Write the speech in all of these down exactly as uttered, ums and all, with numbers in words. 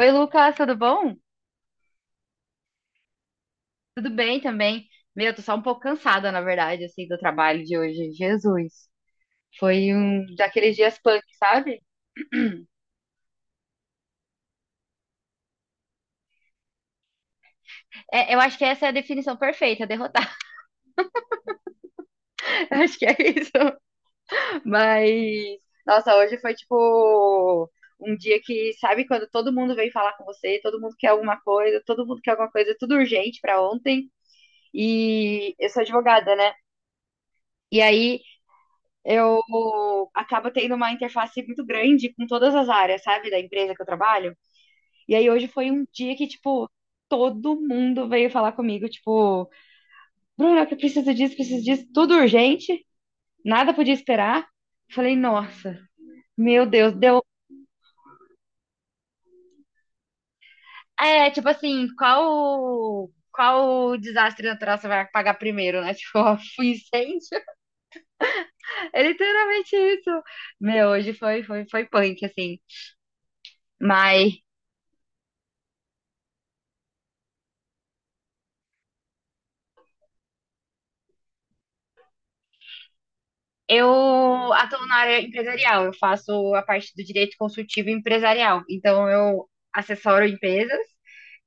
Oi, Lucas, tudo bom? Tudo bem também. Meu, tô só um pouco cansada, na verdade, assim, do trabalho de hoje. Jesus. Foi um daqueles dias punk, sabe? É, eu acho que essa é a definição perfeita, derrotar. Acho que é isso. Mas, nossa, hoje foi tipo um dia que, sabe, quando todo mundo vem falar com você, todo mundo quer alguma coisa, todo mundo quer alguma coisa, tudo urgente pra ontem. E eu sou advogada, né? E aí eu acabo tendo uma interface muito grande com todas as áreas, sabe, da empresa que eu trabalho. E aí hoje foi um dia que, tipo, todo mundo veio falar comigo, tipo, Bruna, eu preciso disso, preciso disso, tudo urgente, nada podia esperar. Falei, nossa, meu Deus, deu. É, tipo assim, qual. Qual desastre natural você vai pagar primeiro, né? Tipo, ó, um incêndio. É literalmente isso. Meu, hoje foi, foi, foi punk, assim. Mas eu atuo na área empresarial, eu faço a parte do direito consultivo empresarial. Então, eu assessoro empresas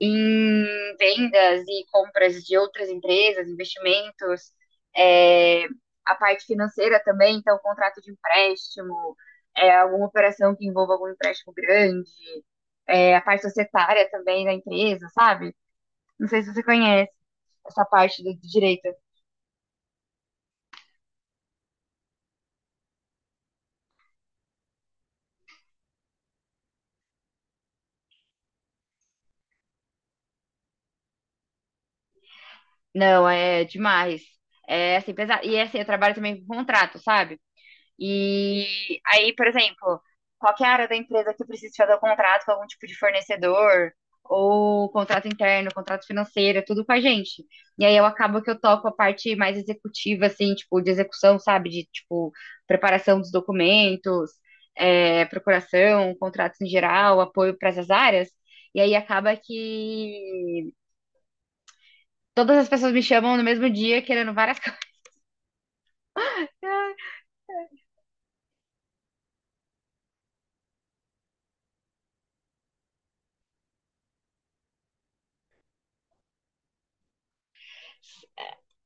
em vendas e compras de outras empresas, investimentos, é, a parte financeira também, então, contrato de empréstimo, é, alguma operação que envolva algum empréstimo grande, é, a parte societária também da empresa, sabe? Não sei se você conhece essa parte do do direito. Não, é demais. É assim, pesado. E assim, eu trabalho também com contrato, sabe? E aí, por exemplo, qualquer área da empresa que precise fazer o contrato com algum tipo de fornecedor, ou contrato interno, contrato financeiro, é tudo com a gente. E aí eu acabo que eu toco a parte mais executiva, assim, tipo, de execução, sabe? De, tipo, preparação dos documentos, é, procuração, contratos em geral, apoio para essas áreas. E aí acaba que todas as pessoas me chamam no mesmo dia querendo várias coisas.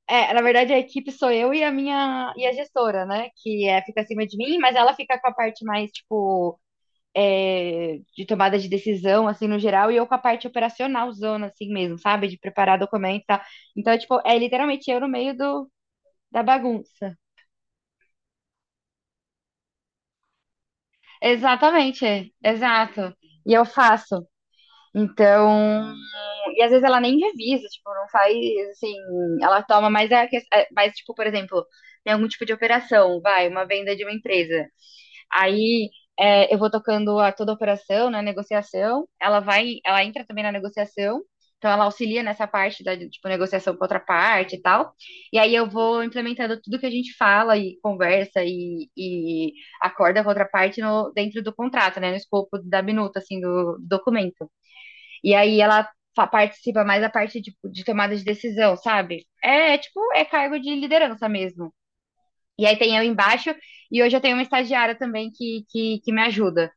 É, na verdade, a equipe sou eu e a minha e a gestora, né? Que é, fica acima de mim, mas ela fica com a parte mais, tipo, é, de tomada de decisão, assim, no geral, e eu com a parte operacional zona, assim mesmo, sabe? De preparar documento e tal. Então, é, tipo, é literalmente eu no meio do, da bagunça. Exatamente, é, exato. E eu faço. Então, e às vezes ela nem revisa, tipo, não faz assim. Ela toma mais a que- é, mais, tipo, por exemplo, tem algum tipo de operação, vai, uma venda de uma empresa. Aí é, eu vou tocando a toda a operação, né? Negociação. Ela vai, ela entra também na negociação. Então ela auxilia nessa parte da, tipo, negociação com outra parte e tal. E aí eu vou implementando tudo que a gente fala e conversa e, e acorda com outra parte no, dentro do contrato, né? No escopo da minuta, assim, do do documento. E aí ela fa- participa mais da parte de, de tomada de decisão, sabe? É, é tipo, é cargo de liderança mesmo. E aí tem eu embaixo, e hoje eu tenho uma estagiária também que, que, que me ajuda.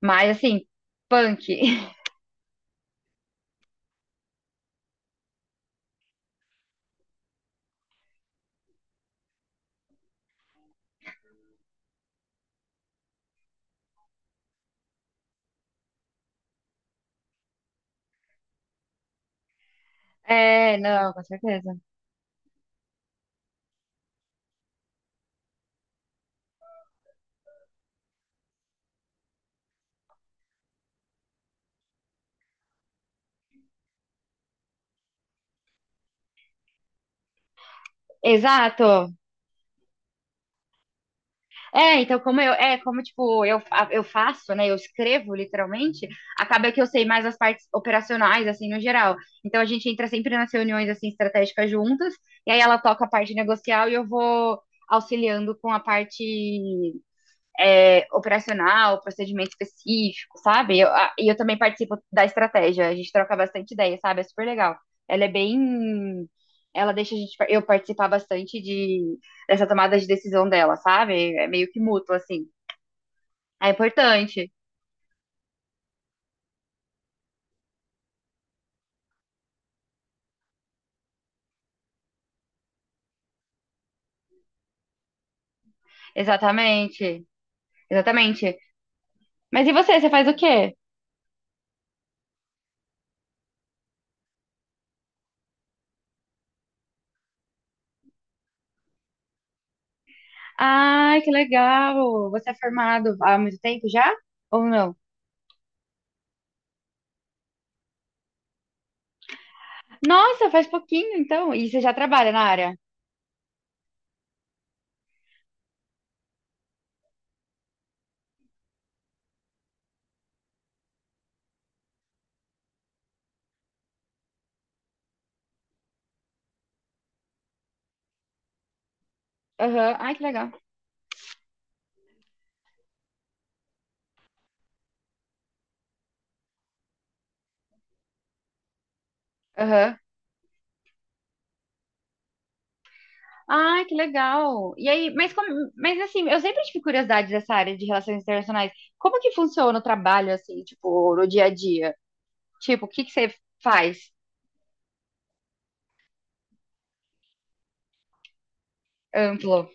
Mas assim, punk. É, não, com certeza. Exato. É, então como eu, é, como tipo, eu, fa- eu faço, né, eu escrevo literalmente, acaba que eu sei mais as partes operacionais, assim, no geral. Então a gente entra sempre nas reuniões, assim, estratégicas juntas, e aí ela toca a parte negocial e eu vou auxiliando com a parte é, operacional, procedimento específico, sabe? E eu, a- e eu também participo da estratégia, a gente troca bastante ideia, sabe? É super legal. Ela é bem. Ela deixa a gente, par- eu participar bastante de, dessa tomada de decisão dela, sabe? É meio que mútuo, assim. É importante. Exatamente. Exatamente. Mas e você? Você faz o quê? Ai, que legal! Você é formado há muito tempo já? Ou não? Nossa, faz pouquinho, então. E você já trabalha na área? Aham. Ai, que legal. Aham. Ah, que legal. E aí, mas como, mas assim, eu sempre tive curiosidade dessa área de relações internacionais. Como que funciona o trabalho assim, tipo, no dia a dia? Tipo, o que que você faz? Amplo,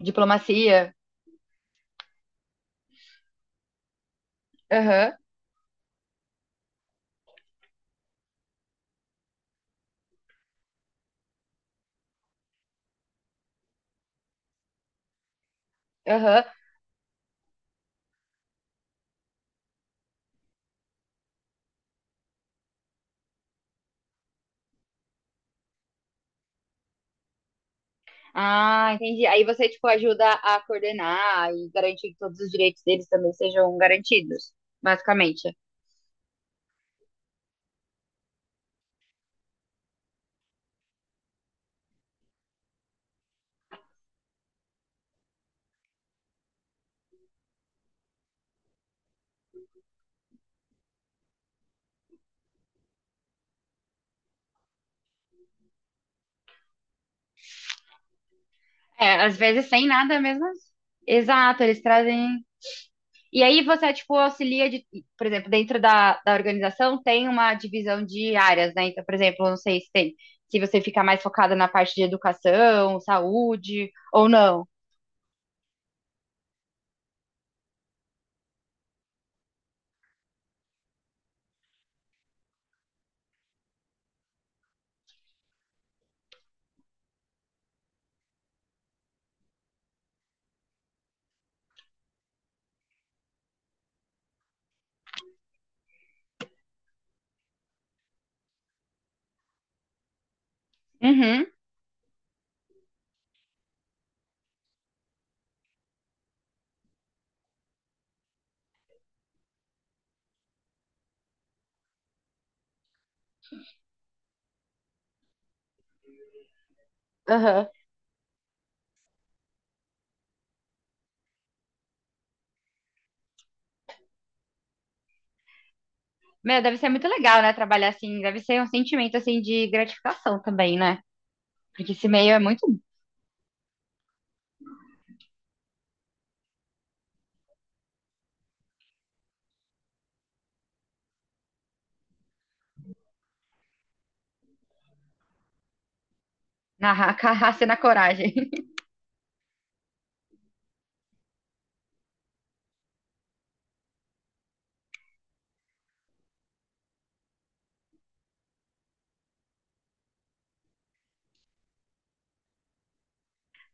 diplomacia. Aham, aham. Ah, entendi. Aí você tipo ajuda a coordenar e garantir que todos os direitos deles também sejam garantidos, basicamente. É, às vezes sem nada mesmo. Exato, eles trazem. E aí você, tipo, auxilia de, por exemplo, dentro da, da organização tem uma divisão de áreas, né? Então, por exemplo, eu não sei se tem, se você fica mais focada na parte de educação, saúde ou não. Uhum, aham. Meu, deve ser muito legal, né? Trabalhar assim, deve ser um sentimento assim de gratificação também, né? Porque esse meio é muito na ra- carraça e na coragem.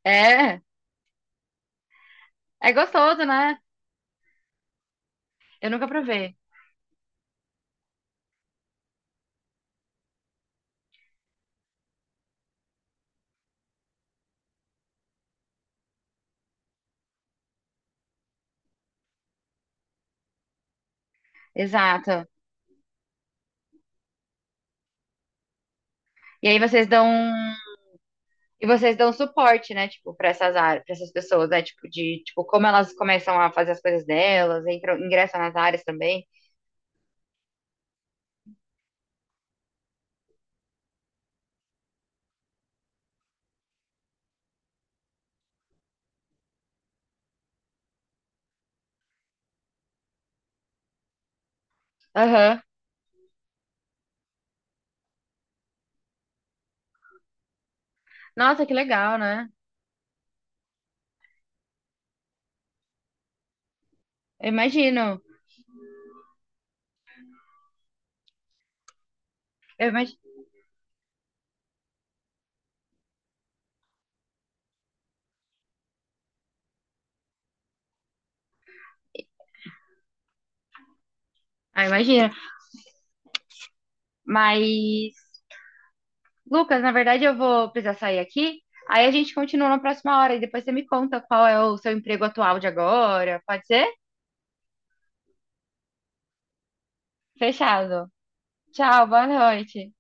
É, é gostoso, né? Eu nunca provei. Exato. E aí vocês dão um. E vocês dão suporte, né, tipo, para essas áreas, para essas pessoas, né, tipo, de, tipo, como elas começam a fazer as coisas delas, entram, ingressam nas áreas também. Aham. Nossa, que legal, né? Eu imagino. Eu imagino. Ah, imagino. Mas, Lucas, na verdade eu vou precisar sair aqui. Aí a gente continua na próxima hora e depois você me conta qual é o seu emprego atual de agora. Pode ser? Fechado. Tchau, boa noite.